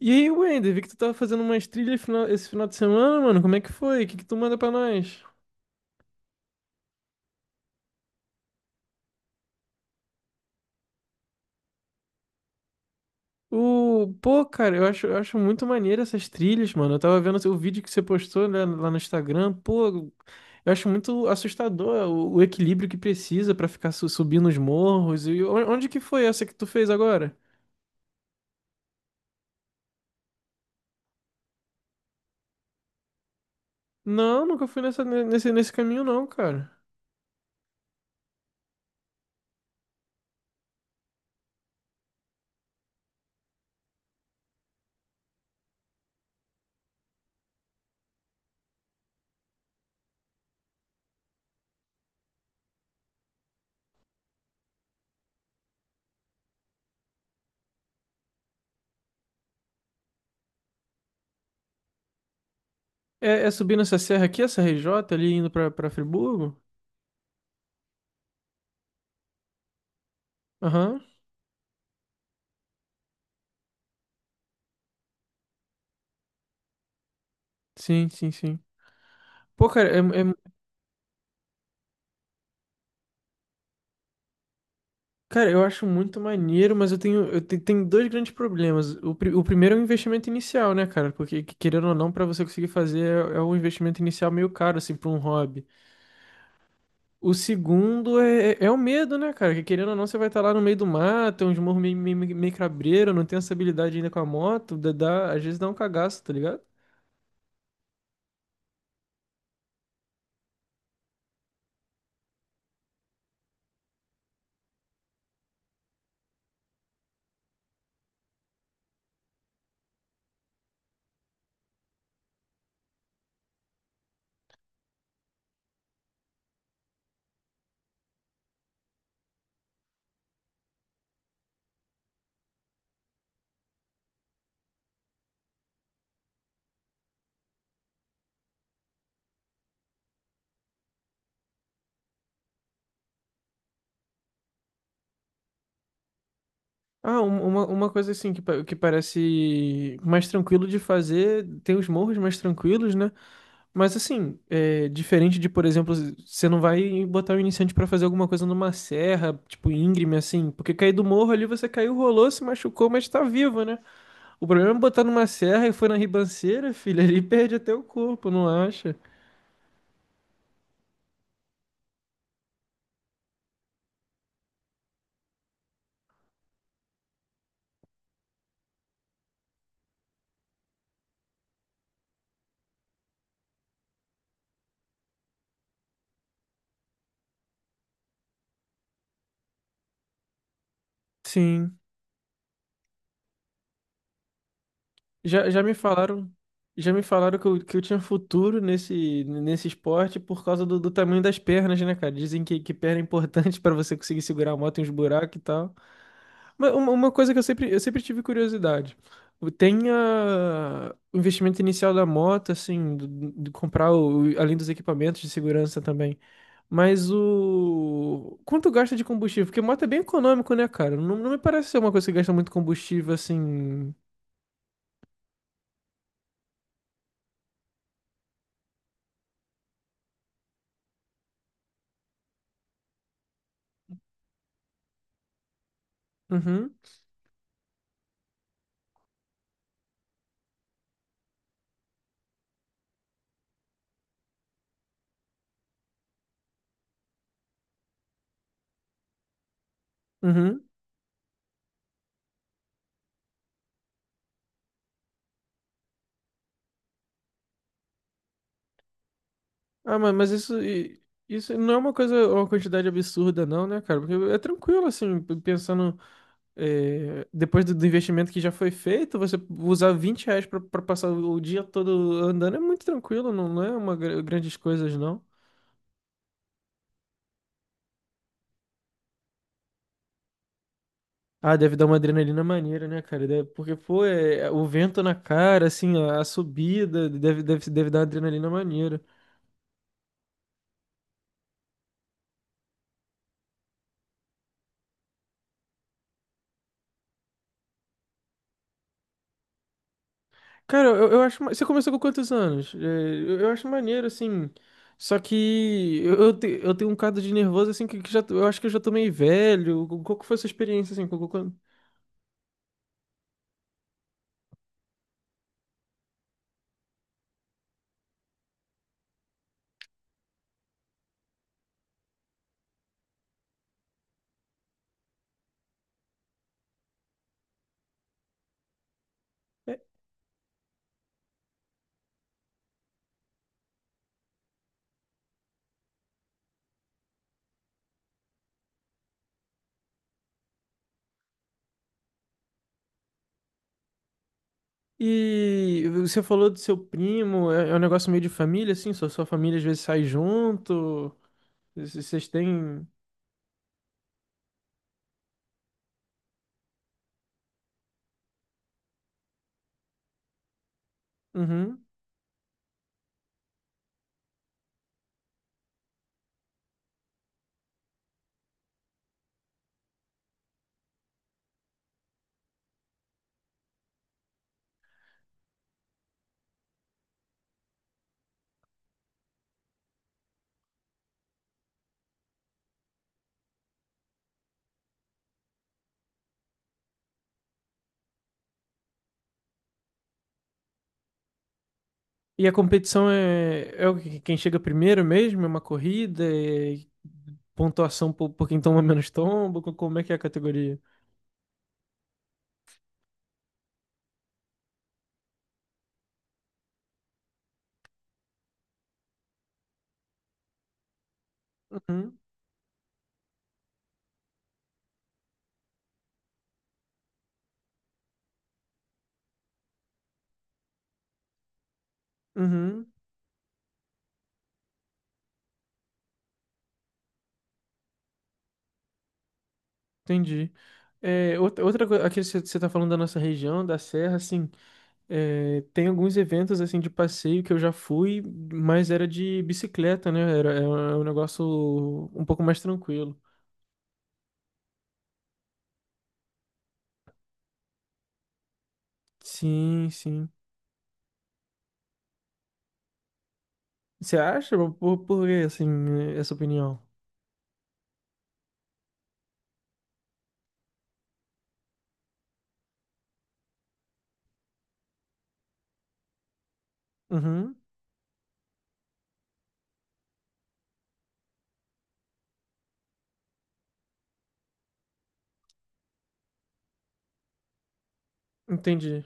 E aí, Wender, vi que tu tava fazendo umas trilhas esse final de semana, mano. Como é que foi? O que que tu manda pra nós? Pô, cara, eu acho muito maneiro essas trilhas, mano. Eu tava vendo o vídeo que você postou, né, lá no Instagram. Pô, eu acho muito assustador o equilíbrio que precisa pra ficar subindo os morros. E onde que foi essa que tu fez agora? Não, nunca fui nesse caminho, não, cara. É subindo essa serra aqui, essa RJ ali indo pra Friburgo? Aham, sim, sim, sim. Pô, cara, é, é cara, eu acho muito maneiro, mas eu tenho, eu te- tenho dois grandes problemas. O primeiro é o investimento inicial, né, cara? Porque, querendo ou não, pra você conseguir fazer, é um investimento inicial meio caro, assim, pra um hobby. O segundo é o medo, né, cara? Que, querendo ou não, você vai estar lá no meio do mato, tem uns morros meio cabreiro, não tem essa habilidade ainda com a moto, às vezes dá um cagaço, tá ligado? Ah, uma coisa assim que, que parece mais tranquilo de fazer, tem os morros mais tranquilos, né? Mas assim, é, diferente de, por exemplo, você não vai botar o iniciante pra fazer alguma coisa numa serra, tipo íngreme, assim, porque cair do morro ali você caiu, rolou, se machucou, mas tá vivo, né? O problema é botar numa serra e foi na ribanceira, filho, ali perde até o corpo, não acha? Sim. Já, já me falaram, já me falaram que que eu tinha futuro nesse esporte por causa do tamanho das pernas, né, cara? Dizem que perna é importante para você conseguir segurar a moto em uns buracos e tal. Mas uma coisa que eu sempre tive curiosidade. Tem o investimento inicial da moto, assim, de comprar além dos equipamentos de segurança também. Mas o. Quanto gasta de combustível? Porque moto é bem econômico, né, cara? Não me parece ser uma coisa que gasta muito combustível, assim. Uhum. Uhum. Ah, mano, mas isso, isso não é uma coisa, uma quantidade absurda, não, né, cara? Porque é tranquilo, assim, pensando, depois do investimento que já foi feito, você usar R$ 20 pra passar o dia todo andando é muito tranquilo, não é grandes coisas, não. Ah, deve dar uma adrenalina maneira, né, cara? Porque, pô, é o vento na cara, assim, a subida, deve dar uma adrenalina maneira. Cara, eu acho. Você começou com quantos anos? É, eu acho maneiro, assim. Só que eu tenho um caso de nervoso, assim, que, eu acho que eu já tô meio velho. Qual que foi a sua experiência, assim? É, E você falou do seu primo, é um negócio meio de família, assim? Sua família às vezes sai junto. Vocês têm. Uhum. E a competição é quem chega primeiro mesmo? É uma corrida? É pontuação por quem toma menos tombo? Como é que é a categoria? Uhum. Uhum. Entendi. É, outra coisa, aqui você está falando da nossa região, da Serra, assim, tem alguns eventos, assim, de passeio que eu já fui, mas era de bicicleta, né? Era, é um negócio um pouco mais tranquilo. Sim, sim. Você acha? Por que, assim, essa opinião? Uhum, entendi.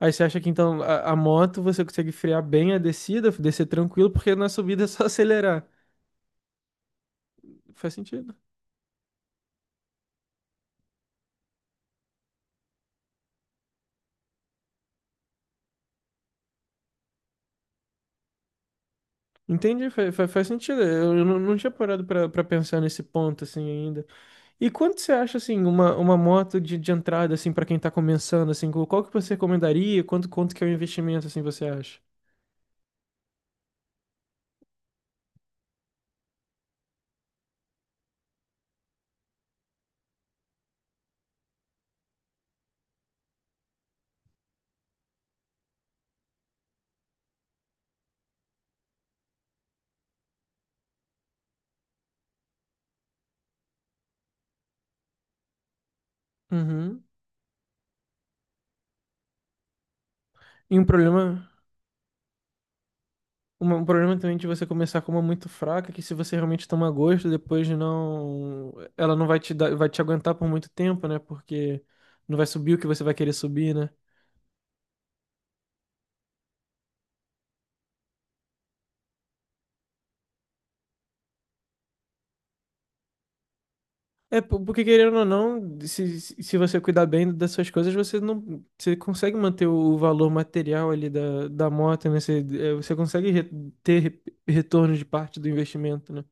Aí você acha que, então, a moto você consegue frear bem a descida, descer tranquilo, porque na subida é só acelerar. Faz sentido. Entendi, faz sentido. Eu não, tinha parado pra pensar nesse ponto assim ainda. E quanto você acha assim uma moto de entrada assim para quem tá começando assim, qual que você recomendaria? Quanto que é o investimento assim você acha? Uhum. E um problema Um problema também de você começar com uma muito fraca, que se você realmente tomar gosto, depois não. Ela não vai te dar, vai te aguentar por muito tempo, né? Porque não vai subir o que você vai querer subir, né? É, porque querendo ou não, se você cuidar bem das suas coisas, você não. Você consegue manter o valor material ali da moto, né? Você consegue ter re- retorno de parte do investimento, né?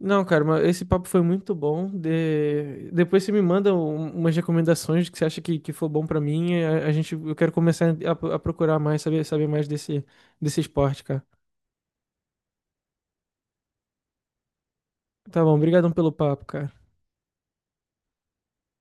Não, cara, mas esse papo foi muito bom. Depois você me manda umas recomendações que você acha que for bom pra mim. Eu quero começar a procurar mais, saber mais desse esporte, cara. Tá bom, obrigadão pelo papo, cara.